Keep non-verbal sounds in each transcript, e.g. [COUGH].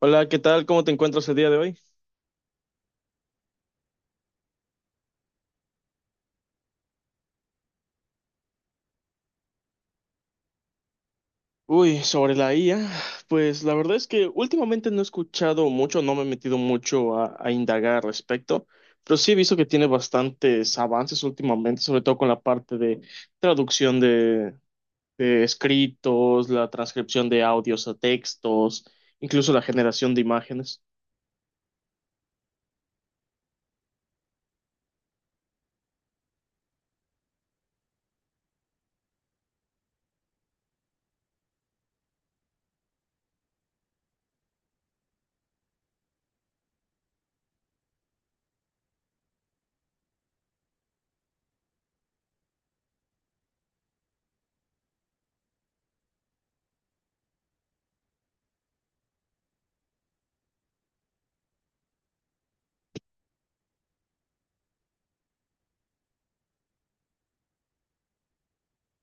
Hola, ¿qué tal? ¿Cómo te encuentras el día de hoy? Uy, sobre la IA, pues la verdad es que últimamente no he escuchado mucho, no me he metido mucho a indagar al respecto, pero sí he visto que tiene bastantes avances últimamente, sobre todo con la parte de traducción de escritos, la transcripción de audios a textos, incluso la generación de imágenes.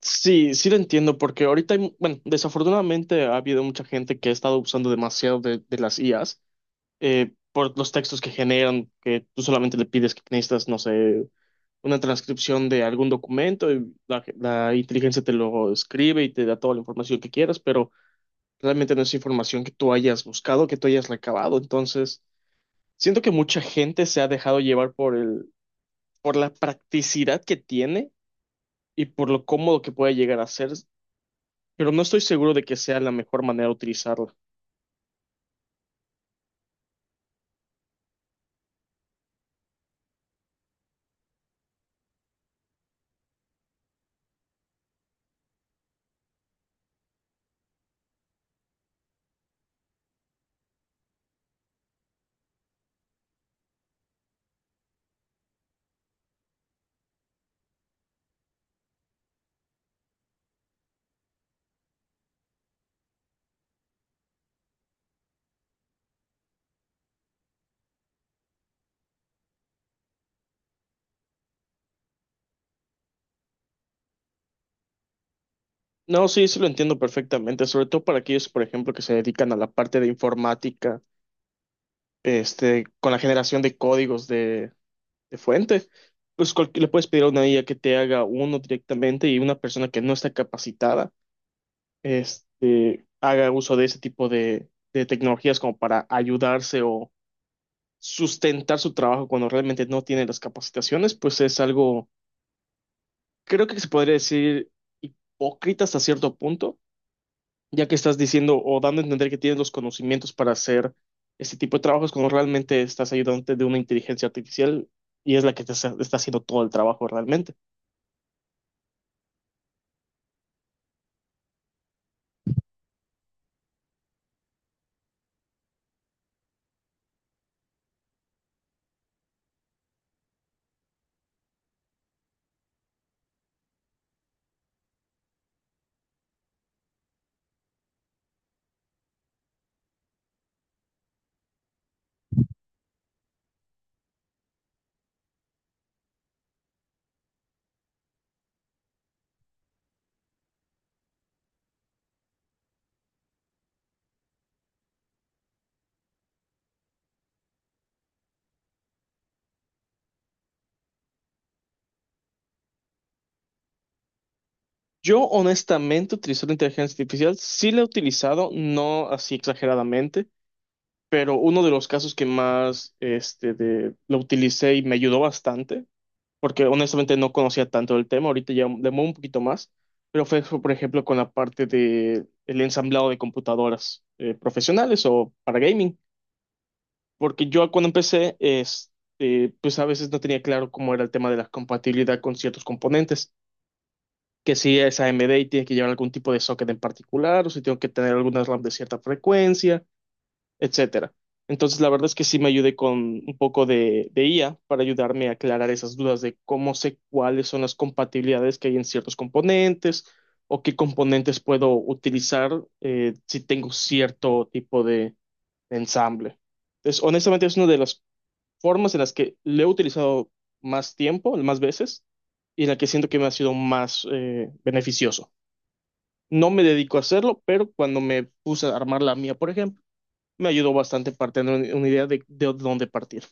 Sí, sí lo entiendo, porque ahorita, hay desafortunadamente ha habido mucha gente que ha estado usando demasiado de las IAs por los textos que generan, que tú solamente le pides que necesitas, no sé, una transcripción de algún documento y la inteligencia te lo escribe y te da toda la información que quieras, pero realmente no es información que tú hayas buscado, que tú hayas recabado. Entonces, siento que mucha gente se ha dejado llevar por por la practicidad que tiene y por lo cómodo que puede llegar a ser, pero no estoy seguro de que sea la mejor manera de utilizarlo. No, sí, sí lo entiendo perfectamente, sobre todo para aquellos, por ejemplo, que se dedican a la parte de informática, con la generación de códigos de fuente. Pues le puedes pedir a una IA que te haga uno directamente y una persona que no está capacitada, haga uso de ese tipo de tecnologías como para ayudarse o sustentar su trabajo cuando realmente no tiene las capacitaciones, pues es algo, creo que se podría decir hipócrita hasta cierto punto, ya que estás diciendo o dando a entender que tienes los conocimientos para hacer este tipo de trabajos cuando realmente estás ayudante de una inteligencia artificial y es la que te está haciendo todo el trabajo realmente. Yo honestamente utilizo la inteligencia artificial, sí la he utilizado, no así exageradamente, pero uno de los casos que más lo utilicé y me ayudó bastante porque honestamente no conocía tanto el tema, ahorita ya le muevo un poquito más, pero fue, por ejemplo, con la parte de el ensamblado de computadoras profesionales o para gaming, porque yo cuando empecé, pues a veces no tenía claro cómo era el tema de la compatibilidad con ciertos componentes, que si es AMD y tiene que llevar algún tipo de socket en particular, o si tengo que tener algunas RAM de cierta frecuencia, etcétera. Entonces, la verdad es que sí me ayudé con un poco de IA para ayudarme a aclarar esas dudas de cómo sé cuáles son las compatibilidades que hay en ciertos componentes o qué componentes puedo utilizar, si tengo cierto tipo de ensamble. Entonces, honestamente, es una de las formas en las que le he utilizado más tiempo, más veces, y en la que siento que me ha sido más beneficioso. No me dedico a hacerlo, pero cuando me puse a armar la mía, por ejemplo, me ayudó bastante para tener una idea de dónde partir.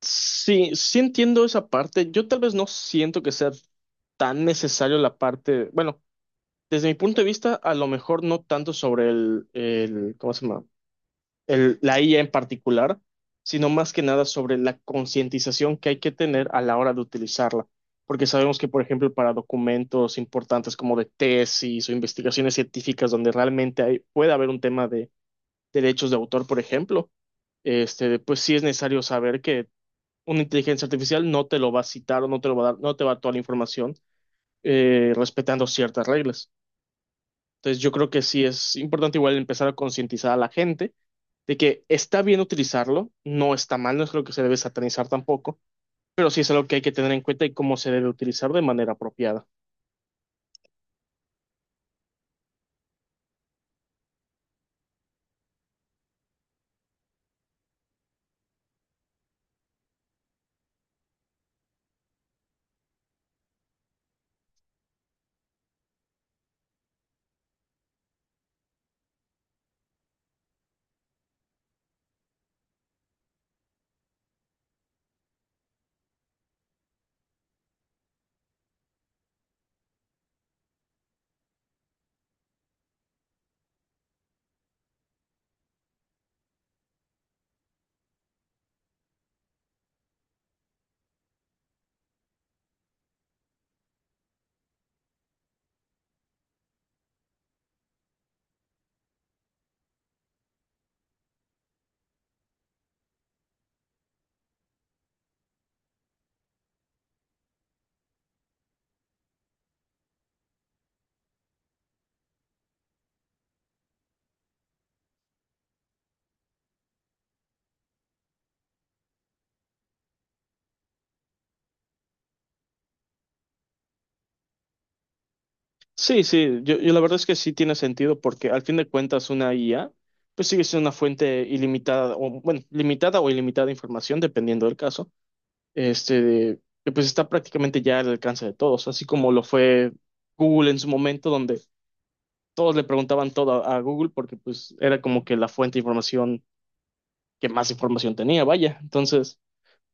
Sí, sí entiendo esa parte. Yo tal vez no siento que sea tan necesario la parte, bueno, desde mi punto de vista, a lo mejor no tanto sobre el ¿cómo se llama? El, la IA en particular, sino más que nada sobre la concientización que hay que tener a la hora de utilizarla. Porque sabemos que, por ejemplo, para documentos importantes como de tesis o investigaciones científicas donde realmente hay, puede haber un tema de derechos de autor, por ejemplo, pues sí es necesario saber que una inteligencia artificial no te lo va a citar o no te lo va a dar, no te va a dar toda la información, respetando ciertas reglas. Entonces yo creo que sí es importante igual empezar a concientizar a la gente de que está bien utilizarlo, no está mal, no es lo que se debe satanizar tampoco, pero sí es algo que hay que tener en cuenta y cómo se debe utilizar de manera apropiada. Sí, sí, yo la verdad es que sí tiene sentido porque al fin de cuentas una IA pues sigue siendo una fuente ilimitada o bueno, limitada o ilimitada de información dependiendo del caso, que pues está prácticamente ya al alcance de todos, así como lo fue Google en su momento, donde todos le preguntaban todo a Google porque pues era como que la fuente de información que más información tenía, vaya. Entonces,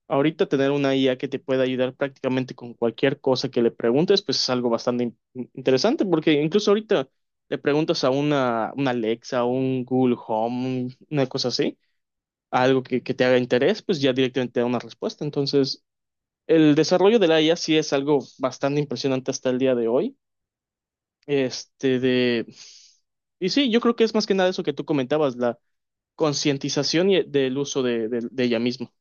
ahorita tener una IA que te pueda ayudar prácticamente con cualquier cosa que le preguntes, pues es algo bastante interesante, porque incluso ahorita le preguntas a una Alexa, un Google Home, una cosa así, algo que te haga interés, pues ya directamente te da una respuesta. Entonces, el desarrollo de la IA sí es algo bastante impresionante hasta el día de hoy. Este de... Y sí, yo creo que es más que nada eso que tú comentabas, la concientización del uso de ella misma.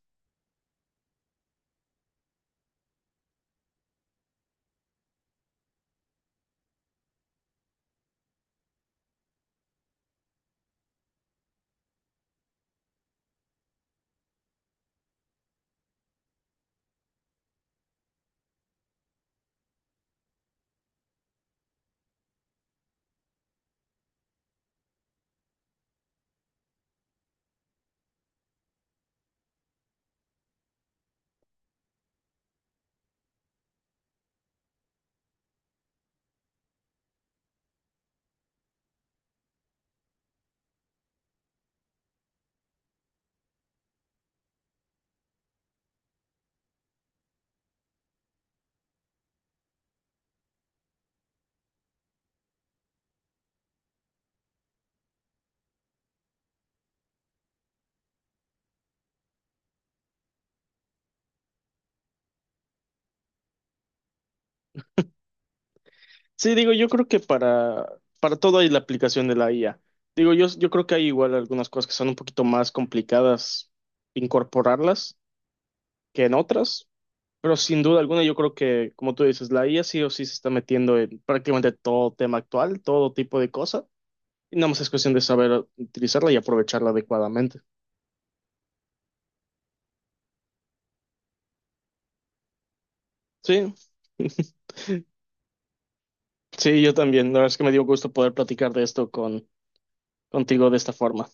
Sí, digo, yo creo que para todo hay la aplicación de la IA. Digo, yo creo que hay igual algunas cosas que son un poquito más complicadas incorporarlas que en otras, pero sin duda alguna yo creo que, como tú dices, la IA sí o sí se está metiendo en prácticamente todo tema actual, todo tipo de cosas. Y nada más es cuestión de saber utilizarla y aprovecharla adecuadamente. Sí, [LAUGHS] sí, yo también. La verdad es que me dio gusto poder platicar de esto con, contigo de esta forma.